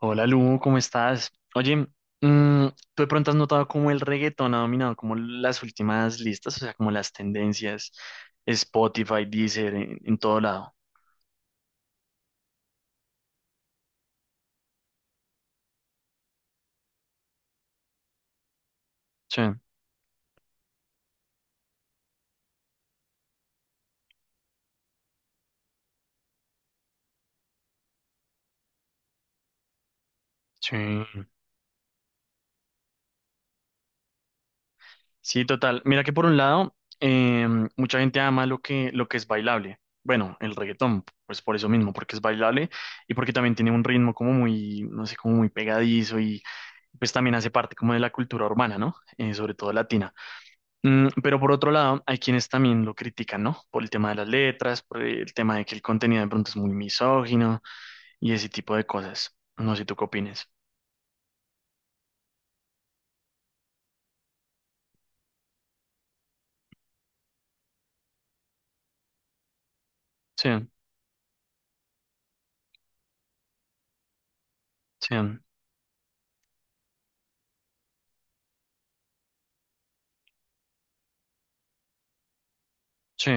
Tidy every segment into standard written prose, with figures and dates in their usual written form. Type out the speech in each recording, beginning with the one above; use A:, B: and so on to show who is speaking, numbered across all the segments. A: Hola Lu, ¿cómo estás? Oye, mm, ¿tú de pronto has notado cómo el reggaetón ha dominado como las últimas listas, o sea, como las tendencias, Spotify, Deezer, en todo lado? Sí, sí. Sí, total. Mira que por un lado, mucha gente ama lo que es bailable. Bueno, el reggaetón, pues por eso mismo, porque es bailable y porque también tiene un ritmo como muy, no sé, como muy pegadizo y pues también hace parte como de la cultura urbana, ¿no? Sobre todo latina. Mm, pero por otro lado, hay quienes también lo critican, ¿no? Por el tema de las letras, por el tema de que el contenido de pronto es muy misógino y ese tipo de cosas. No sé tú qué opines. Sí, sí, sí.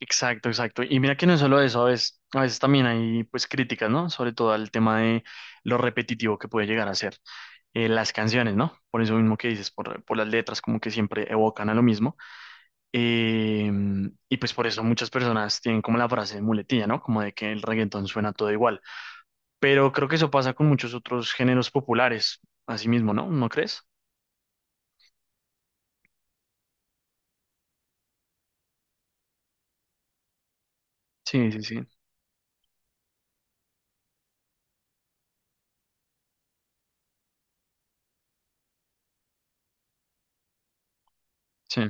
A: Exacto, exacto. Y mira que no es solo eso, a veces también hay pues críticas, ¿no? Sobre todo al tema de lo repetitivo que puede llegar a ser las canciones, ¿no? Por eso mismo que dices, por las letras como que siempre evocan a lo mismo. Eh, y pues por eso muchas personas tienen como la frase de muletilla, ¿no? Como de que el reggaetón suena todo igual. Pero creo que eso pasa con muchos otros géneros populares, así mismo, ¿no? ¿No crees? Sí, sí, sí, sí.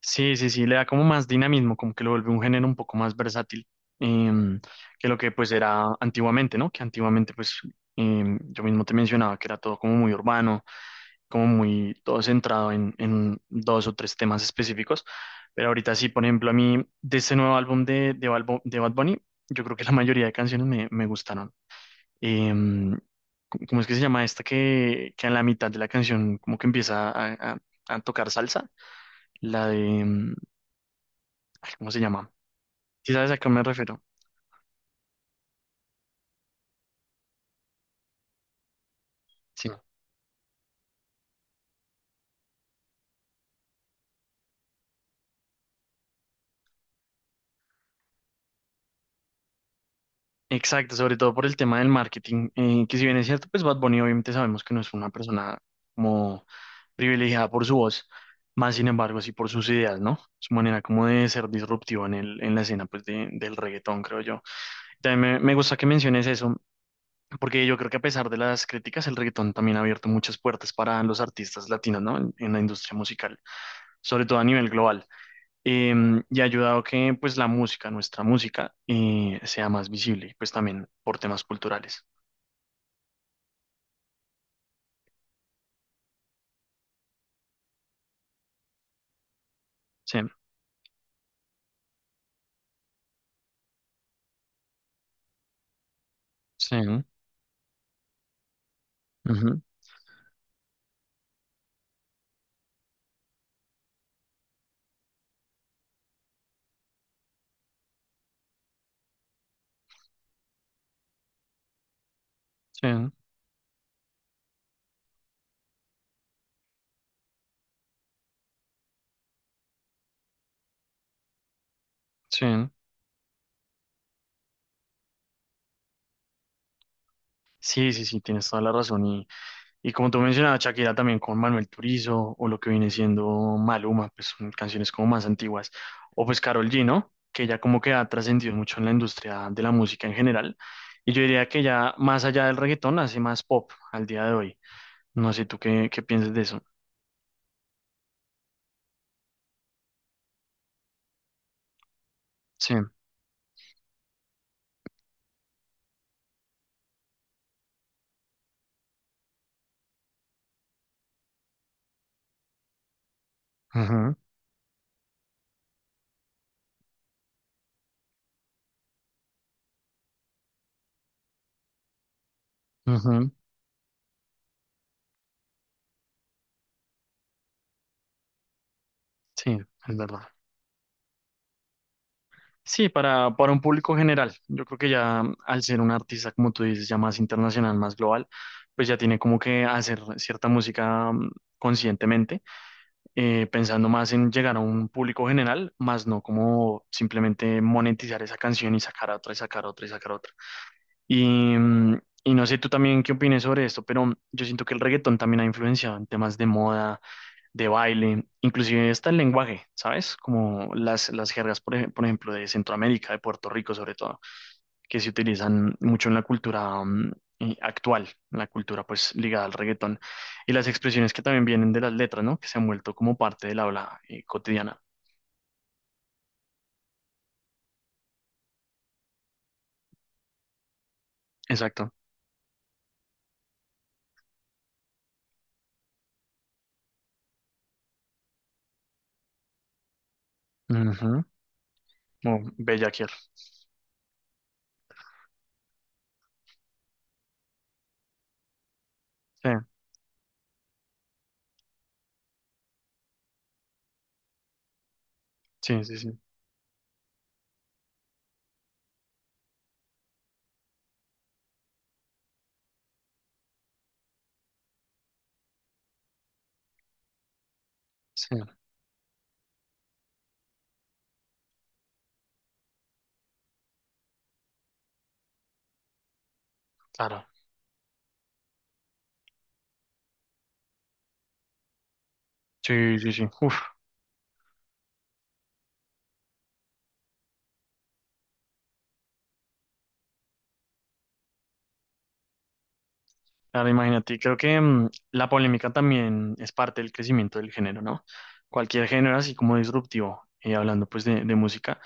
A: Sí, sí, sí, le da como más dinamismo, como que lo vuelve un género un poco más versátil em, que lo que pues era antiguamente, ¿no? Que antiguamente pues yo mismo te mencionaba que era todo como muy urbano, como muy todo centrado en dos o tres temas específicos, pero ahorita sí, por ejemplo, a mí de ese nuevo álbum de Bad Bunny, yo creo que la mayoría de canciones me gustaron. em, ¿Cómo es que se llama esta que a la mitad de la canción como que empieza a tocar salsa? La de, ay, ¿cómo se llama? ¿Sí sabes a qué me refiero? Sí. Exacto, sobre todo por el tema del marketing, que si bien es cierto, pues Bad Bunny obviamente sabemos que no es una persona como privilegiada por su voz, más sin embargo sí por sus ideas, ¿no? Su manera como de ser disruptivo en la escena pues del reggaetón, creo yo. También me gusta que menciones eso, porque yo creo que a pesar de las críticas, el reggaetón también ha abierto muchas puertas para los artistas latinos, ¿no? En la industria musical, sobre todo a nivel global. Eh, y ha ayudado que pues la música, nuestra música, sea más visible, pues también por temas culturales. Sí, sí, ujú, sí, sí. Sí, sí, sí, tienes toda la razón. Y como tú mencionabas, Shakira también con Manuel Turizo o lo que viene siendo Maluma, pues son canciones como más antiguas. O pues Karol G, ¿no? Que ya como que ha trascendido mucho en la industria de la música en general. Y yo diría que ya más allá del reggaetón hace más pop al día de hoy. No sé tú qué piensas de eso. Sí. Ujú, ujú. Sí, es verdad. Sí, para un público general. Yo creo que ya al ser un artista, como tú dices, ya más internacional, más global, pues ya tiene como que hacer cierta música conscientemente pensando más en llegar a un público general, más no como simplemente monetizar esa canción y sacar otra y sacar otra y sacar otra. Y, mm, y no sé tú también qué opines sobre esto, pero yo siento que el reggaetón también ha influenciado en temas de moda, de baile, inclusive hasta el lenguaje, ¿sabes? Como las jergas, por ejemplo, de Centroamérica, de Puerto Rico sobre todo que se utilizan mucho en la cultura actual, en la cultura pues ligada al reggaetón, y las expresiones que también vienen de las letras, ¿no? Que se han vuelto como parte del habla cotidiana. Exacto. Ujú. O bellaquear. Sí, sí, sí, sí. Sí, claro. Sí, sí, sí. Uf. Claro, imagínate, creo que la polémica también es parte del crecimiento del género, ¿no? Cualquier género así como disruptivo, y hablando pues de música,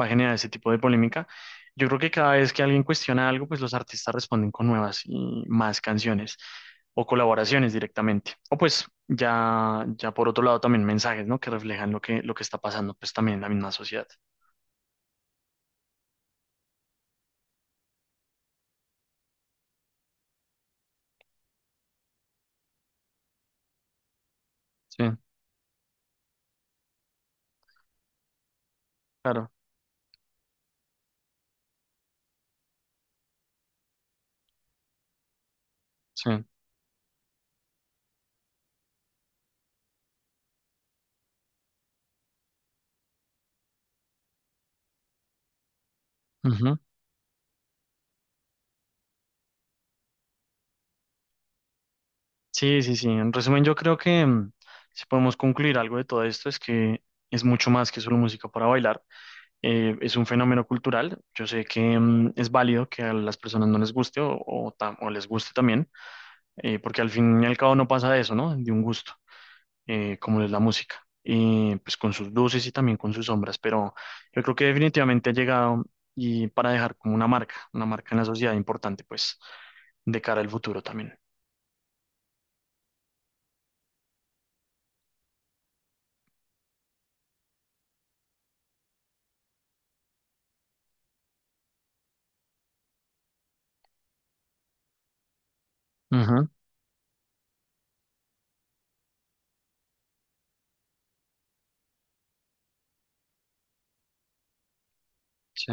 A: va a generar ese tipo de polémica. Yo creo que cada vez que alguien cuestiona algo, pues los artistas responden con nuevas y más canciones o colaboraciones directamente. O pues ya, ya por otro lado también mensajes, ¿no? Que reflejan lo que está pasando pues también en la misma sociedad. Sí, claro, sí. Sí, sí, sí. En resumen, yo creo que si podemos concluir algo de todo esto es que es mucho más que solo música para bailar. Es un fenómeno cultural. Yo sé que es válido que a las personas no les guste o les guste también, porque al fin y al cabo no pasa de eso, ¿no? De un gusto, como es la música. Y pues con sus luces y también con sus sombras, pero yo creo que definitivamente ha llegado y para dejar como una marca en la sociedad importante, pues, de cara al futuro también. Ujú, sí.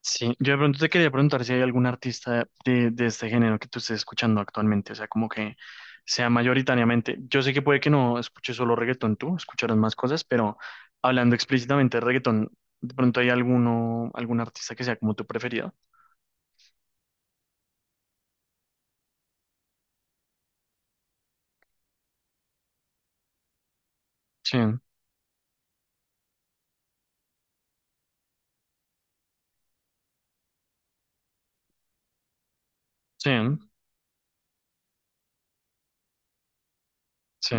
A: Sí, yo de pronto te quería preguntar si hay algún artista de este género que tú estés escuchando actualmente, o sea, como que sea mayoritariamente. Yo sé que puede que no escuches solo reggaetón tú, escucharás más cosas, pero hablando explícitamente de reggaetón, ¿de pronto hay alguno, algún artista que sea como tu preferido? Sí, sí, sí,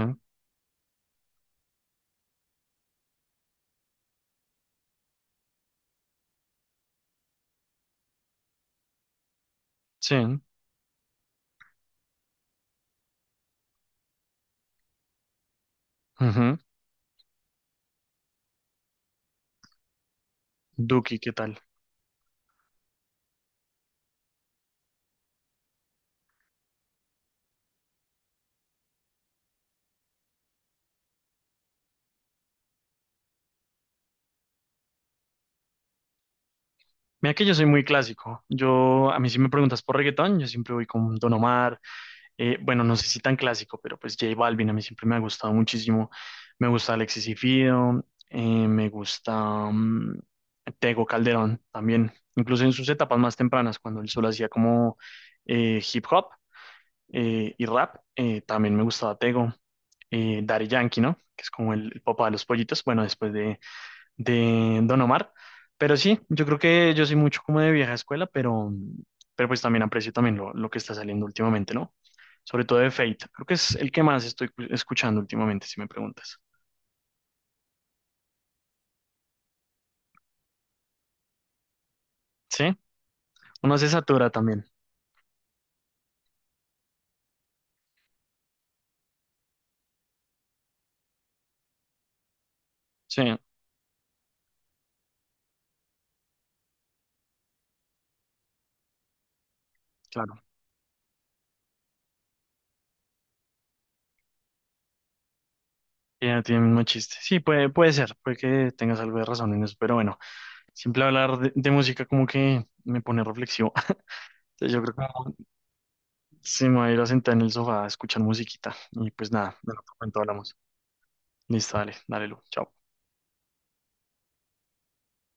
A: sí. Ujú. Duki, ¿qué tal? Mira que yo soy muy clásico. Yo, a mí si me preguntas por reggaetón, yo siempre voy con Don Omar, bueno, no sé si tan clásico, pero pues J Balvin a mí siempre me ha gustado muchísimo. Me gusta Alexis y Fido, me gusta Tego Calderón también, incluso en sus etapas más tempranas, cuando él solo hacía como hip hop y rap, también me gustaba Tego, Daddy Yankee, ¿no? Que es como el papá de los pollitos, bueno, después de Don Omar. Pero sí, yo creo que yo soy mucho como de vieja escuela, pero pues también aprecio también lo que está saliendo últimamente, ¿no? Sobre todo de Fate. Creo que es el que más estoy escuchando últimamente, si me preguntas. ¿Sí? Uno se satura también. Sí, claro. Ya tiene el mismo chiste. Sí, puede, puede ser, puede que tengas algo de razón en eso, pero bueno, siempre hablar de música como que me pone reflexivo. Entonces yo creo que sí me voy a ir a sentar en el sofá a escuchar musiquita y pues nada, en otro momento hablamos. Listo, dale, dale, Lu. Chao.